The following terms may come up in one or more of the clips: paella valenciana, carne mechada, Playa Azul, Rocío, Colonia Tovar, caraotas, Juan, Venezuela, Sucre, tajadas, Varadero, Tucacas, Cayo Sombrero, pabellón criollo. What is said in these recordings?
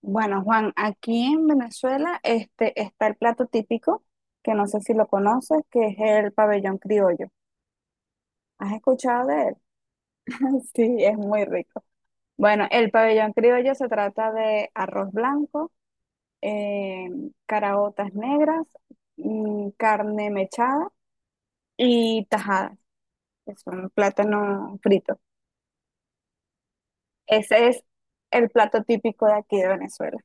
Bueno, Juan, aquí en Venezuela está el plato típico, que no sé si lo conoces, que es el pabellón criollo. ¿Has escuchado de él? Sí, es muy rico. Bueno, el pabellón criollo se trata de arroz blanco, eh, caraotas negras, carne mechada y tajadas, que son plátano frito. Ese es el plato típico de aquí de Venezuela.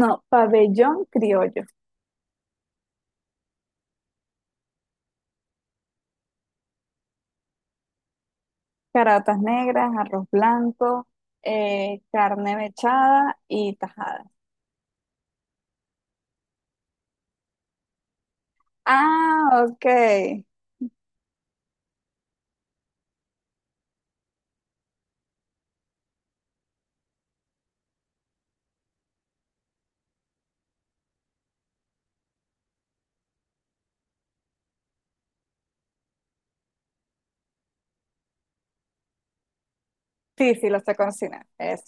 No, pabellón criollo. Caratas negras, arroz blanco, carne mechada y tajada. Ah, ok. Sí, sí, lo sé cocinar. Es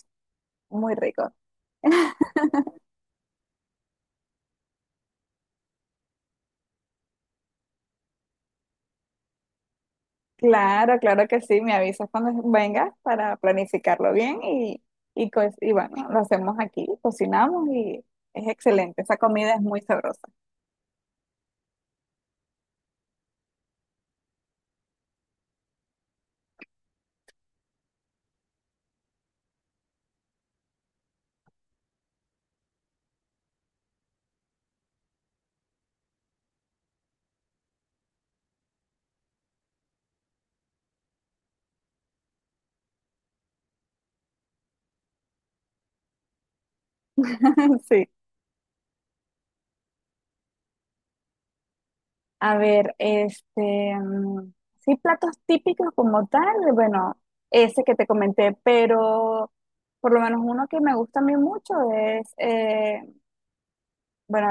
muy rico. Claro, claro que sí. Me avisas cuando vengas para planificarlo bien y bueno, lo hacemos aquí, cocinamos y es excelente. Esa comida es muy sabrosa. Sí. A ver, mm, sí, platos típicos como tal, bueno, ese que te comenté, pero por lo menos uno que me gusta a mí mucho es, bueno,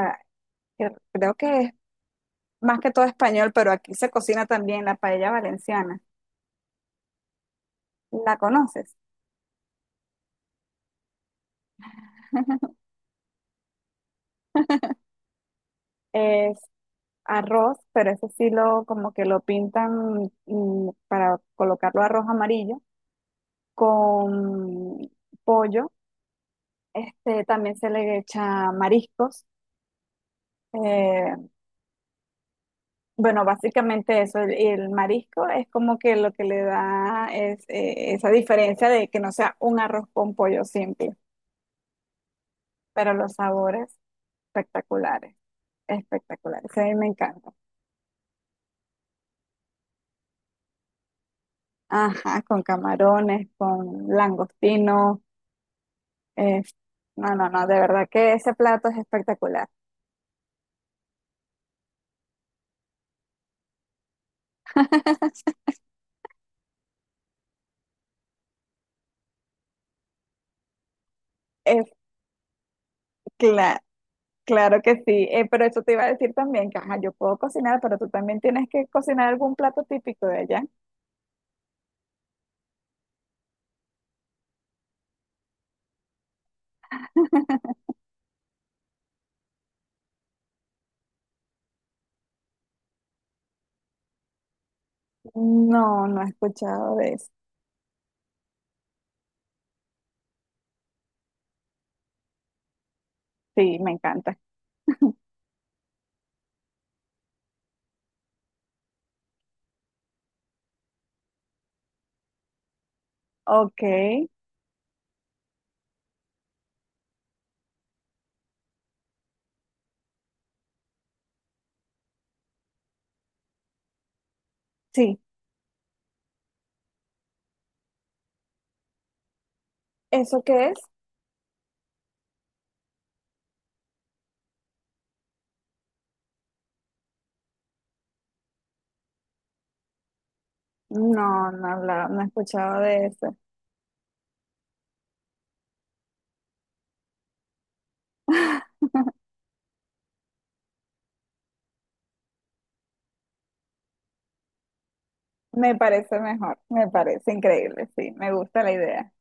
que creo que es más que todo español, pero aquí se cocina también la paella valenciana. ¿La conoces? Es arroz, pero ese sí lo, como que lo pintan para colocarlo arroz amarillo con pollo. También se le echa mariscos. Eh, bueno, básicamente eso, el marisco es como que lo que le da es esa diferencia de que no sea un arroz con pollo simple, pero los sabores espectaculares, espectaculares, a mí me encanta. Ajá, con camarones, con langostino, eh, no, no, no, de verdad que ese plato es espectacular. Es cla- claro que sí, pero eso te iba a decir también que ajá, yo puedo cocinar, pero tú también tienes que cocinar algún plato típico de allá. No, no he escuchado de eso. Sí, me encanta. Ok, sí. ¿Eso qué es? No, no, no he escuchado de eso. Me parece mejor, me parece increíble, sí, me gusta la idea.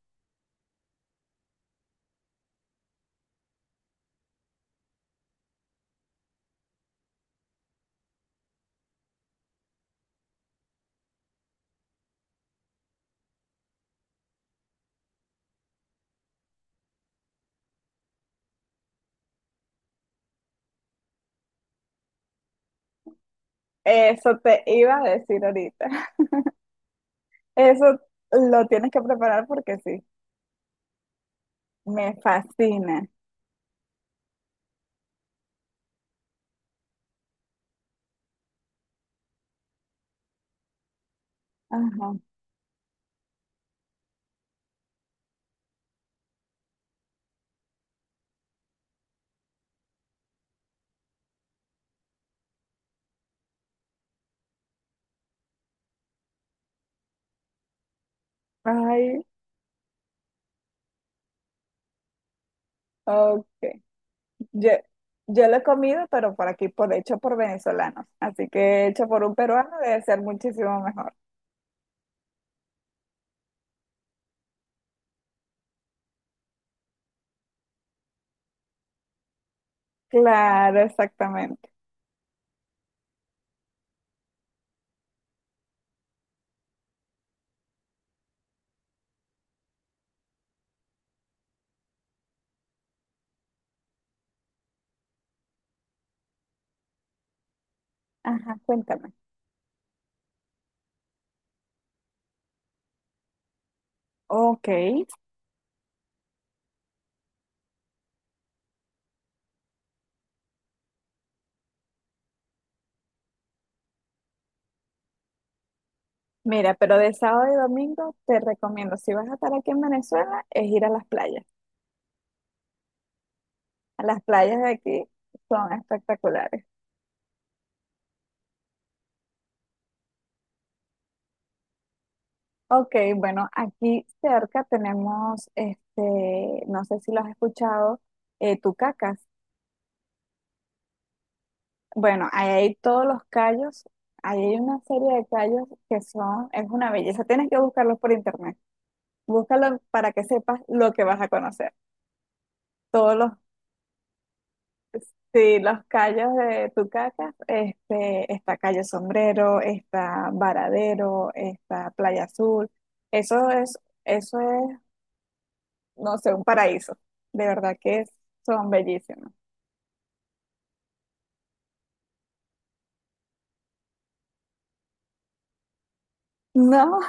Eso te iba a decir ahorita. Eso lo tienes que preparar porque sí, me fascina. Ajá. Ay, ok. Yo, yo lo he comido, pero por aquí, por hecho por venezolanos. Así que hecho por un peruano debe ser muchísimo mejor. Claro, exactamente. Ajá, cuéntame. Ok, mira, pero de sábado y domingo te recomiendo, si vas a estar aquí en Venezuela, es ir a las playas. A las playas de aquí son espectaculares. Ok, bueno, aquí cerca tenemos, no sé si lo has escuchado, Tucacas. Bueno, ahí hay todos los callos, ahí hay una serie de callos que son, es una belleza, tienes que buscarlos por internet. Búscalo para que sepas lo que vas a conocer. Todos los. Sí, los callos de Tucacas, está Cayo Sombrero, está Varadero, está Playa Azul. Eso es, eso es, no sé, un paraíso. De verdad que son bellísimos. No,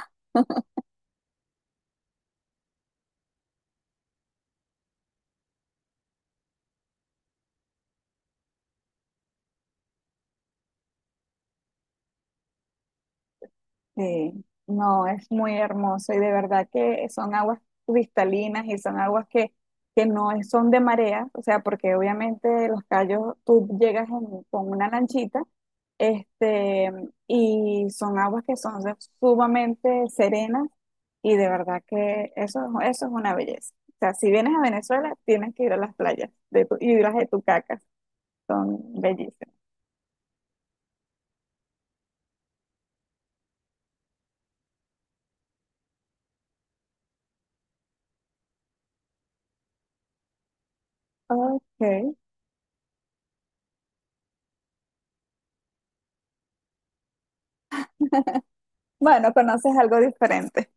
sí, no, es muy hermoso y de verdad que son aguas cristalinas y son aguas que no es- son de marea, o sea, porque obviamente los callos, tú llegas en- con una lanchita, este, y son aguas que son de- sumamente serenas y de verdad que eso es una belleza. O sea, si vienes a Venezuela, tienes que ir a las playas de tu, y las de Tucacas, son bellísimas. Ok, bueno, conoces algo diferente.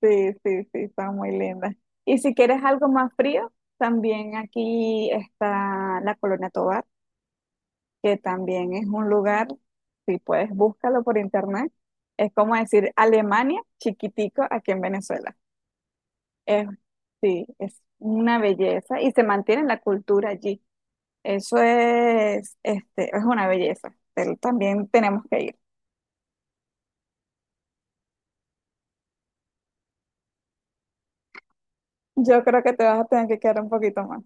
Sí, sí, sí, está muy linda. Y si quieres algo más frío, también aquí está la Colonia Tovar, que también es un lugar, si puedes, búscalo por internet. Es como decir Alemania chiquitico aquí en Venezuela. Es, sí, es una belleza y se mantiene la cultura allí. Eso es, es una belleza. Pero también tenemos que ir. Yo creo que te vas a tener que quedar un poquito más.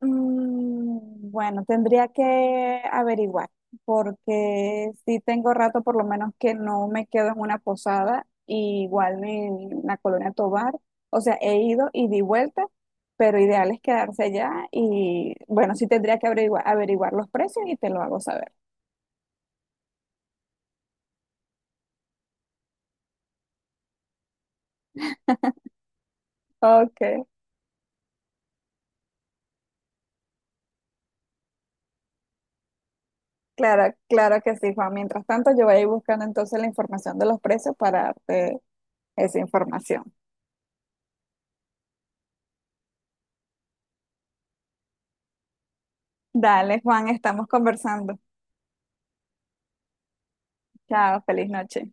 Mm, Bueno, tendría que averiguar, porque sí tengo rato por lo menos que no me quedo en una posada, y igual en la Colonia Tovar, o sea, he ido y di vuelta, pero ideal es quedarse allá y bueno, sí tendría que averiguar, averiguar los precios y te lo hago saber. Ok, claro, claro que sí, Juan. Mientras tanto, yo voy a ir buscando entonces la información de los precios para darte esa información. Dale, Juan, estamos conversando. Chao, feliz noche.